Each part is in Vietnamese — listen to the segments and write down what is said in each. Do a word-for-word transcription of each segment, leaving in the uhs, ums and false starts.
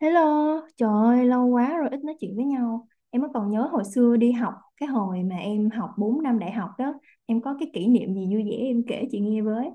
Hello, trời ơi, lâu quá rồi ít nói chuyện với nhau. Em mới còn nhớ hồi xưa đi học, cái hồi mà em học bốn năm đại học đó, em có cái kỷ niệm gì vui vẻ em kể chị nghe với.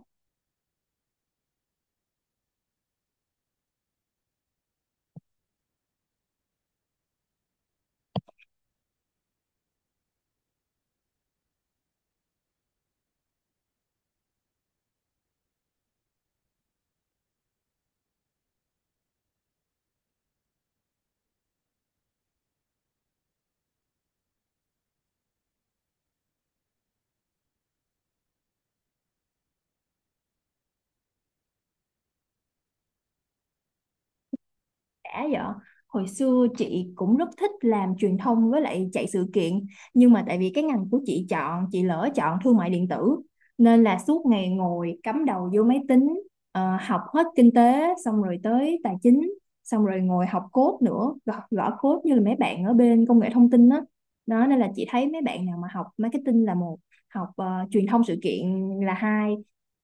Đã vậy, hồi xưa chị cũng rất thích làm truyền thông với lại chạy sự kiện, nhưng mà tại vì cái ngành của chị chọn, chị lỡ chọn thương mại điện tử nên là suốt ngày ngồi cắm đầu vô máy tính. Ờ, học hết kinh tế xong rồi tới tài chính, xong rồi ngồi học code nữa, gõ, gõ code như là mấy bạn ở bên công nghệ thông tin đó. Đó nên là chị thấy mấy bạn nào mà học marketing là một, học ờ, truyền thông sự kiện là hai.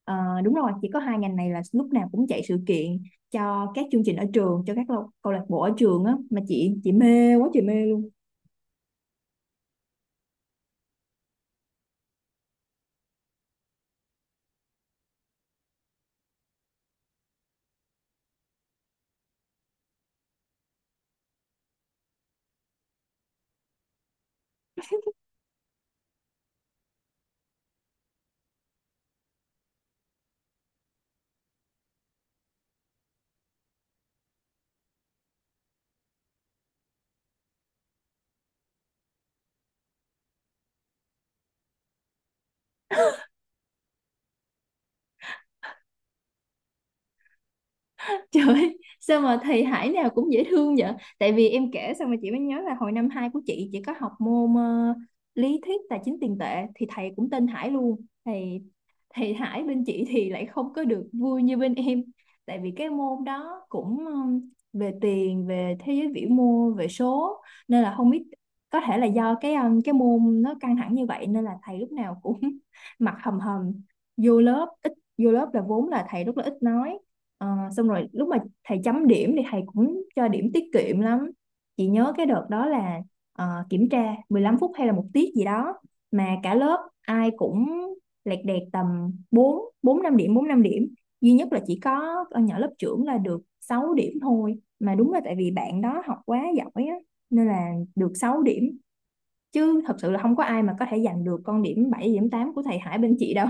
Ờ, đúng rồi, chỉ có hai ngành này là lúc nào cũng chạy sự kiện cho các chương trình ở trường, cho các câu lạc bộ ở trường á, mà chị chị mê quá, chị mê luôn. Trời ơi, sao mà thầy Hải nào cũng dễ thương vậy? Tại vì em kể xong mà chị mới nhớ là hồi năm hai của chị chị có học môn ờ, lý thuyết tài chính tiền tệ thì thầy cũng tên Hải luôn. Thầy thầy Hải bên chị thì lại không có được vui như bên em. Tại vì cái môn đó cũng ừm, về tiền, về thế giới vĩ mô, về số, nên là không biết, có thể là do cái ừm, cái môn nó căng thẳng như vậy nên là thầy lúc nào cũng mặt hầm hầm vô lớp, ít vô lớp là vốn là thầy rất là ít nói. Ờ, xong rồi lúc mà thầy chấm điểm thì thầy cũng cho điểm tiết kiệm lắm. Chị nhớ cái đợt đó là, ờ, kiểm tra mười lăm phút hay là một tiết gì đó, mà cả lớp ai cũng lẹt đẹt tầm 4 bốn năm điểm, bốn năm điểm, duy nhất là chỉ có con nhỏ lớp trưởng là được sáu điểm thôi. Mà đúng là tại vì bạn đó học quá giỏi á nên là được sáu điểm, chứ thật sự là không có ai mà có thể giành được con điểm bảy, điểm tám của thầy Hải bên chị đâu.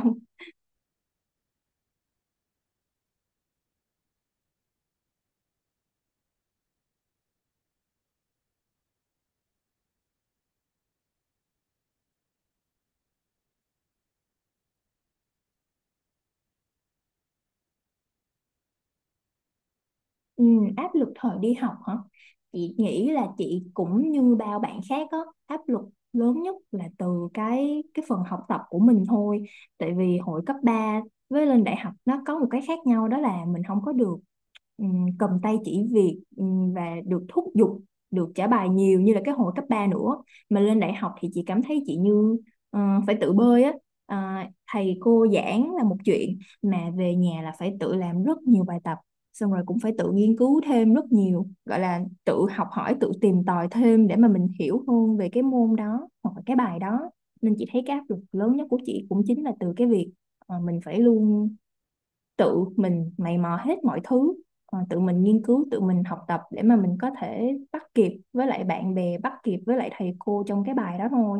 Ừ, áp lực thời đi học hả? Chị nghĩ là chị cũng như bao bạn khác á, áp lực lớn nhất là từ cái cái phần học tập của mình thôi. Tại vì hồi cấp ba với lên đại học nó có một cái khác nhau, đó là mình không có được, ừm, cầm tay chỉ việc, ừm, và được thúc giục, được trả bài nhiều như là cái hồi cấp ba nữa. Mà lên đại học thì chị cảm thấy chị như, ờ, phải tự bơi á. Ờ, thầy cô giảng là một chuyện, mà về nhà là phải tự làm rất nhiều bài tập, xong rồi cũng phải tự nghiên cứu thêm rất nhiều, gọi là tự học hỏi, tự tìm tòi thêm để mà mình hiểu hơn về cái môn đó hoặc là cái bài đó. Nên chị thấy cái áp lực lớn nhất của chị cũng chính là từ cái việc ờ, mình phải luôn tự mình mày mò hết mọi thứ, ờ, tự mình nghiên cứu, tự mình học tập để mà mình có thể bắt kịp với lại bạn bè, bắt kịp với lại thầy cô trong cái bài đó thôi.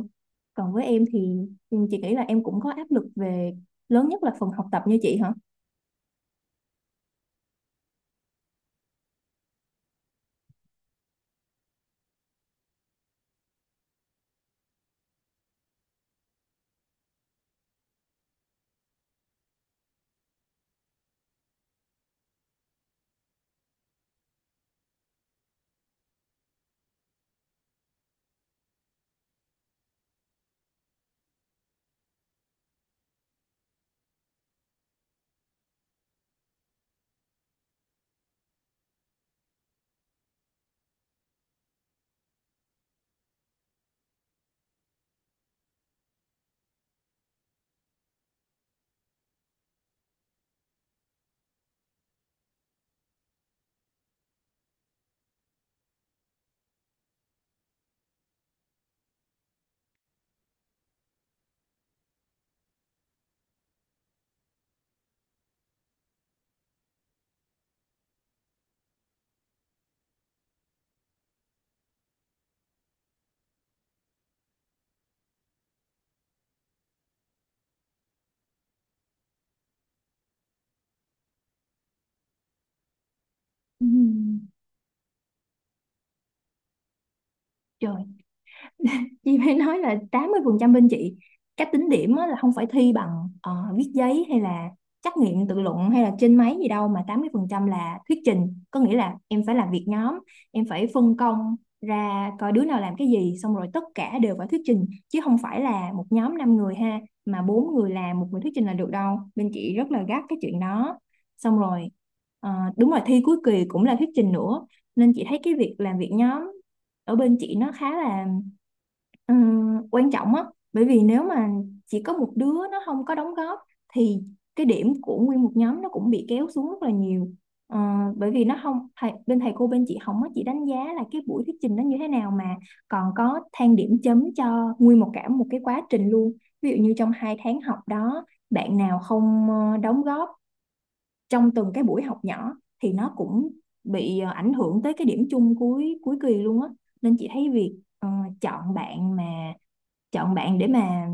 Còn với em thì, ừ, chị nghĩ là em cũng có áp lực về, lớn nhất là phần học tập như chị hả? Ừ. Trời, chị phải nói là tám mươi phần trăm bên chị, cách tính điểm á là không phải thi bằng ờ, viết giấy hay là trắc nghiệm tự luận hay là trên máy gì đâu, mà tám mươi phần trăm là thuyết trình, có nghĩa là em phải làm việc nhóm, em phải phân công ra coi đứa nào làm cái gì, xong rồi tất cả đều phải thuyết trình, chứ không phải là một nhóm năm người ha, mà bốn người làm một người thuyết trình là được đâu, bên chị rất là gắt cái chuyện đó. Xong rồi, ờ, đúng rồi, thi cuối kỳ cũng là thuyết trình nữa. Nên chị thấy cái việc làm việc nhóm ở bên chị nó khá là, Ừm, quan trọng á. Bởi vì nếu mà chỉ có một đứa nó không có đóng góp thì cái điểm của nguyên một nhóm nó cũng bị kéo xuống rất là nhiều. Ờ, bởi vì nó không thầy, bên thầy cô bên chị không có chỉ đánh giá là cái buổi thuyết trình nó như thế nào, mà còn có than điểm chấm cho nguyên một cả một cái quá trình luôn. Ví dụ như trong hai tháng học đó, bạn nào không ờ, đóng góp trong từng cái buổi học nhỏ thì nó cũng bị ờ, ảnh hưởng tới cái điểm chung cuối cuối kỳ luôn á. Nên chị thấy việc, ờ, chọn bạn mà chọn bạn để mà,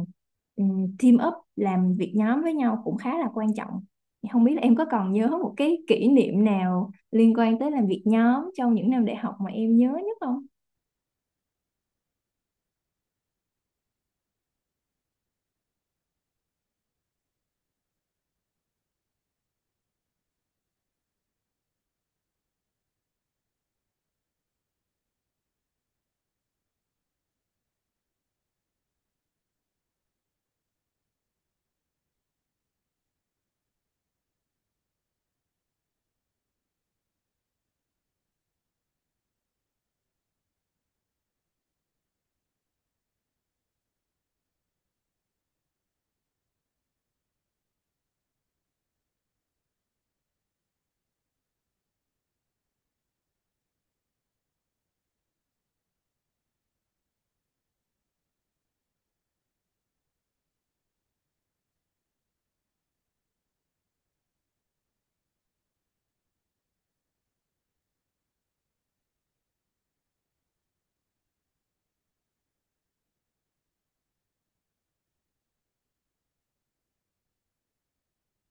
ừm, team up làm việc nhóm với nhau cũng khá là quan trọng. Không biết là em có còn nhớ một cái kỷ niệm nào liên quan tới làm việc nhóm trong những năm đại học mà em nhớ nhất không?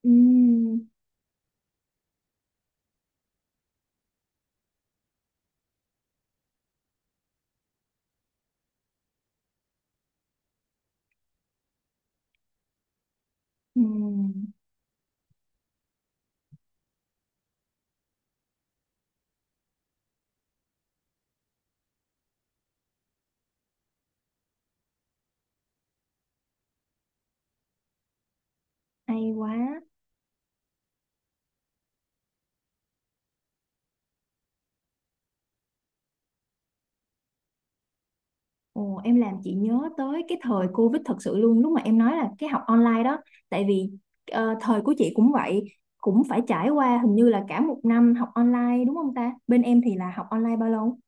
Ừm, ừm, hay quá. Ồ, em làm chị nhớ tới cái thời Covid thật sự luôn, lúc mà em nói là cái học online đó. Tại vì ờ, thời của chị cũng vậy, cũng phải trải qua hình như là cả một năm học online, đúng không ta? Bên em thì là học online bao lâu?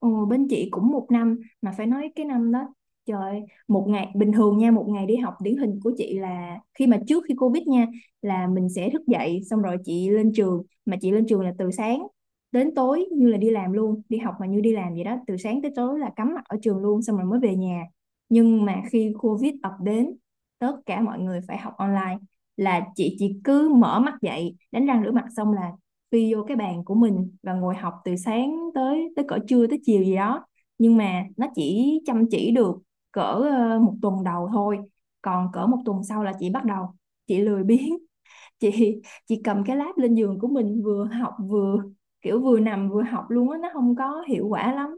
Ừ, bên chị cũng một năm, mà phải nói cái năm đó, trời ơi, một ngày bình thường nha, một ngày đi học điển hình của chị là khi mà trước khi Covid nha, là mình sẽ thức dậy xong rồi chị lên trường, mà chị lên trường là từ sáng đến tối, như là đi làm luôn, đi học mà như đi làm vậy đó, từ sáng tới tối là cắm mặt ở trường luôn, xong rồi mới về nhà. Nhưng mà khi Covid ập đến, tất cả mọi người phải học online, là chị chỉ cứ mở mắt dậy đánh răng rửa mặt xong là phi vô cái bàn của mình và ngồi học từ sáng tới tới cỡ trưa tới chiều gì đó. Nhưng mà nó chỉ chăm chỉ được cỡ, ờ, một tuần đầu thôi, còn cỡ một tuần sau là chị bắt đầu chị lười biếng, chị chị cầm cái lab lên giường của mình vừa học vừa, kiểu vừa nằm vừa học luôn á, nó không có hiệu quả lắm.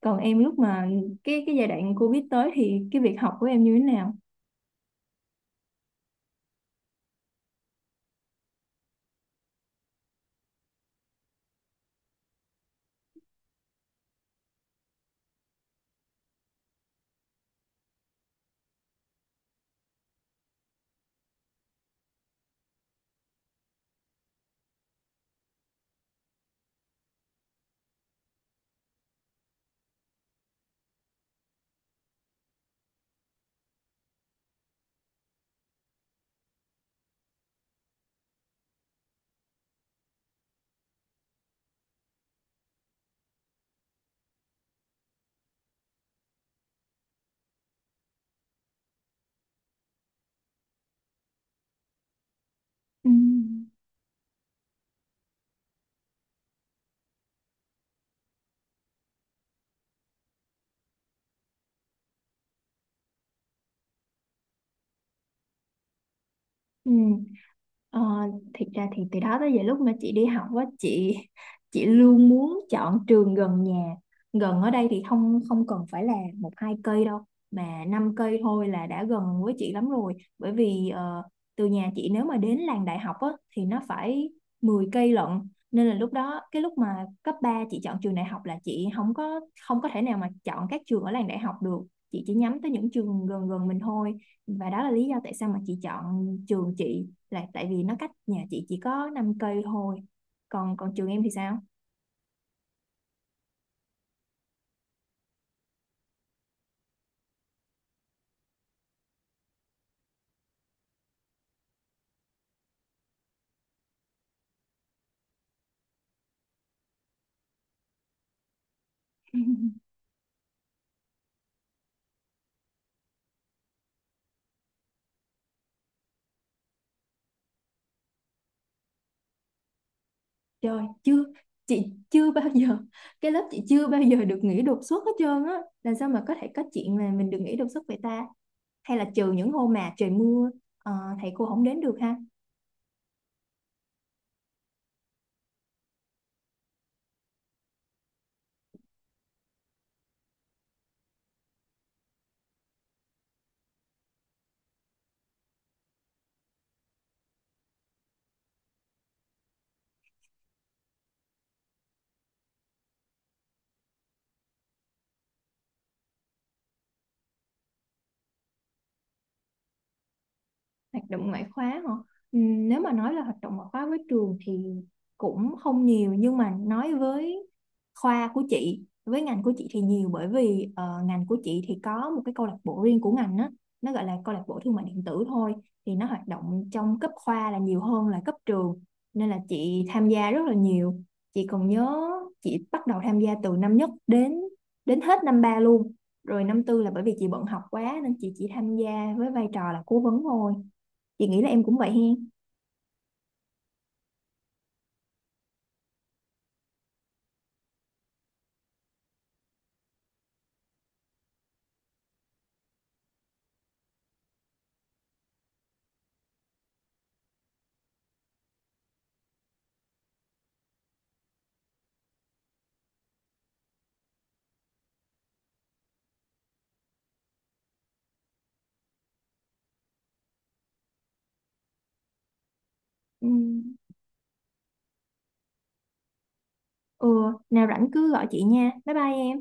Còn em lúc mà cái cái giai đoạn Covid tới thì cái việc học của em như thế nào? Ừ. Ừ. Ờ, thiệt ra thì từ đó tới giờ lúc mà chị đi học á, chị chị luôn muốn chọn trường gần nhà. Gần ở đây thì không không cần phải là một hai cây đâu, mà năm cây thôi là đã gần với chị lắm rồi. Bởi vì ờ, từ nhà chị nếu mà đến làng đại học á thì nó phải mười cây lận. Nên là lúc đó, cái lúc mà cấp ba chị chọn trường đại học là chị không có không có thể nào mà chọn các trường ở làng đại học được, chị chỉ nhắm tới những trường gần gần mình thôi. Và đó là lý do tại sao mà chị chọn trường chị, là tại vì nó cách nhà chị chỉ có năm cây thôi. Còn còn trường em thì sao? Trời, chưa, chị chưa bao giờ, cái lớp chị chưa bao giờ được nghỉ đột xuất hết trơn á, làm sao mà có thể có chuyện là mình được nghỉ đột xuất vậy ta? Hay là trừ những hôm mà trời mưa, ờ, thầy cô không đến được ha. Hoạt động ngoại khóa hả? Ừm, nếu mà nói là hoạt động ngoại khóa với trường thì cũng không nhiều, nhưng mà nói với khoa của chị, với ngành của chị thì nhiều, bởi vì ờ, ngành của chị thì có một cái câu lạc bộ riêng của ngành á, nó gọi là câu lạc bộ thương mại điện tử thôi. Thì nó hoạt động trong cấp khoa là nhiều hơn là cấp trường, nên là chị tham gia rất là nhiều. Chị còn nhớ chị bắt đầu tham gia từ năm nhất đến đến hết năm ba luôn, rồi năm tư là bởi vì chị bận học quá nên chị chỉ tham gia với vai trò là cố vấn thôi. Chị nghĩ là em cũng vậy hen. Ừ. Ừ, nào rảnh cứ gọi chị nha, bye bye em.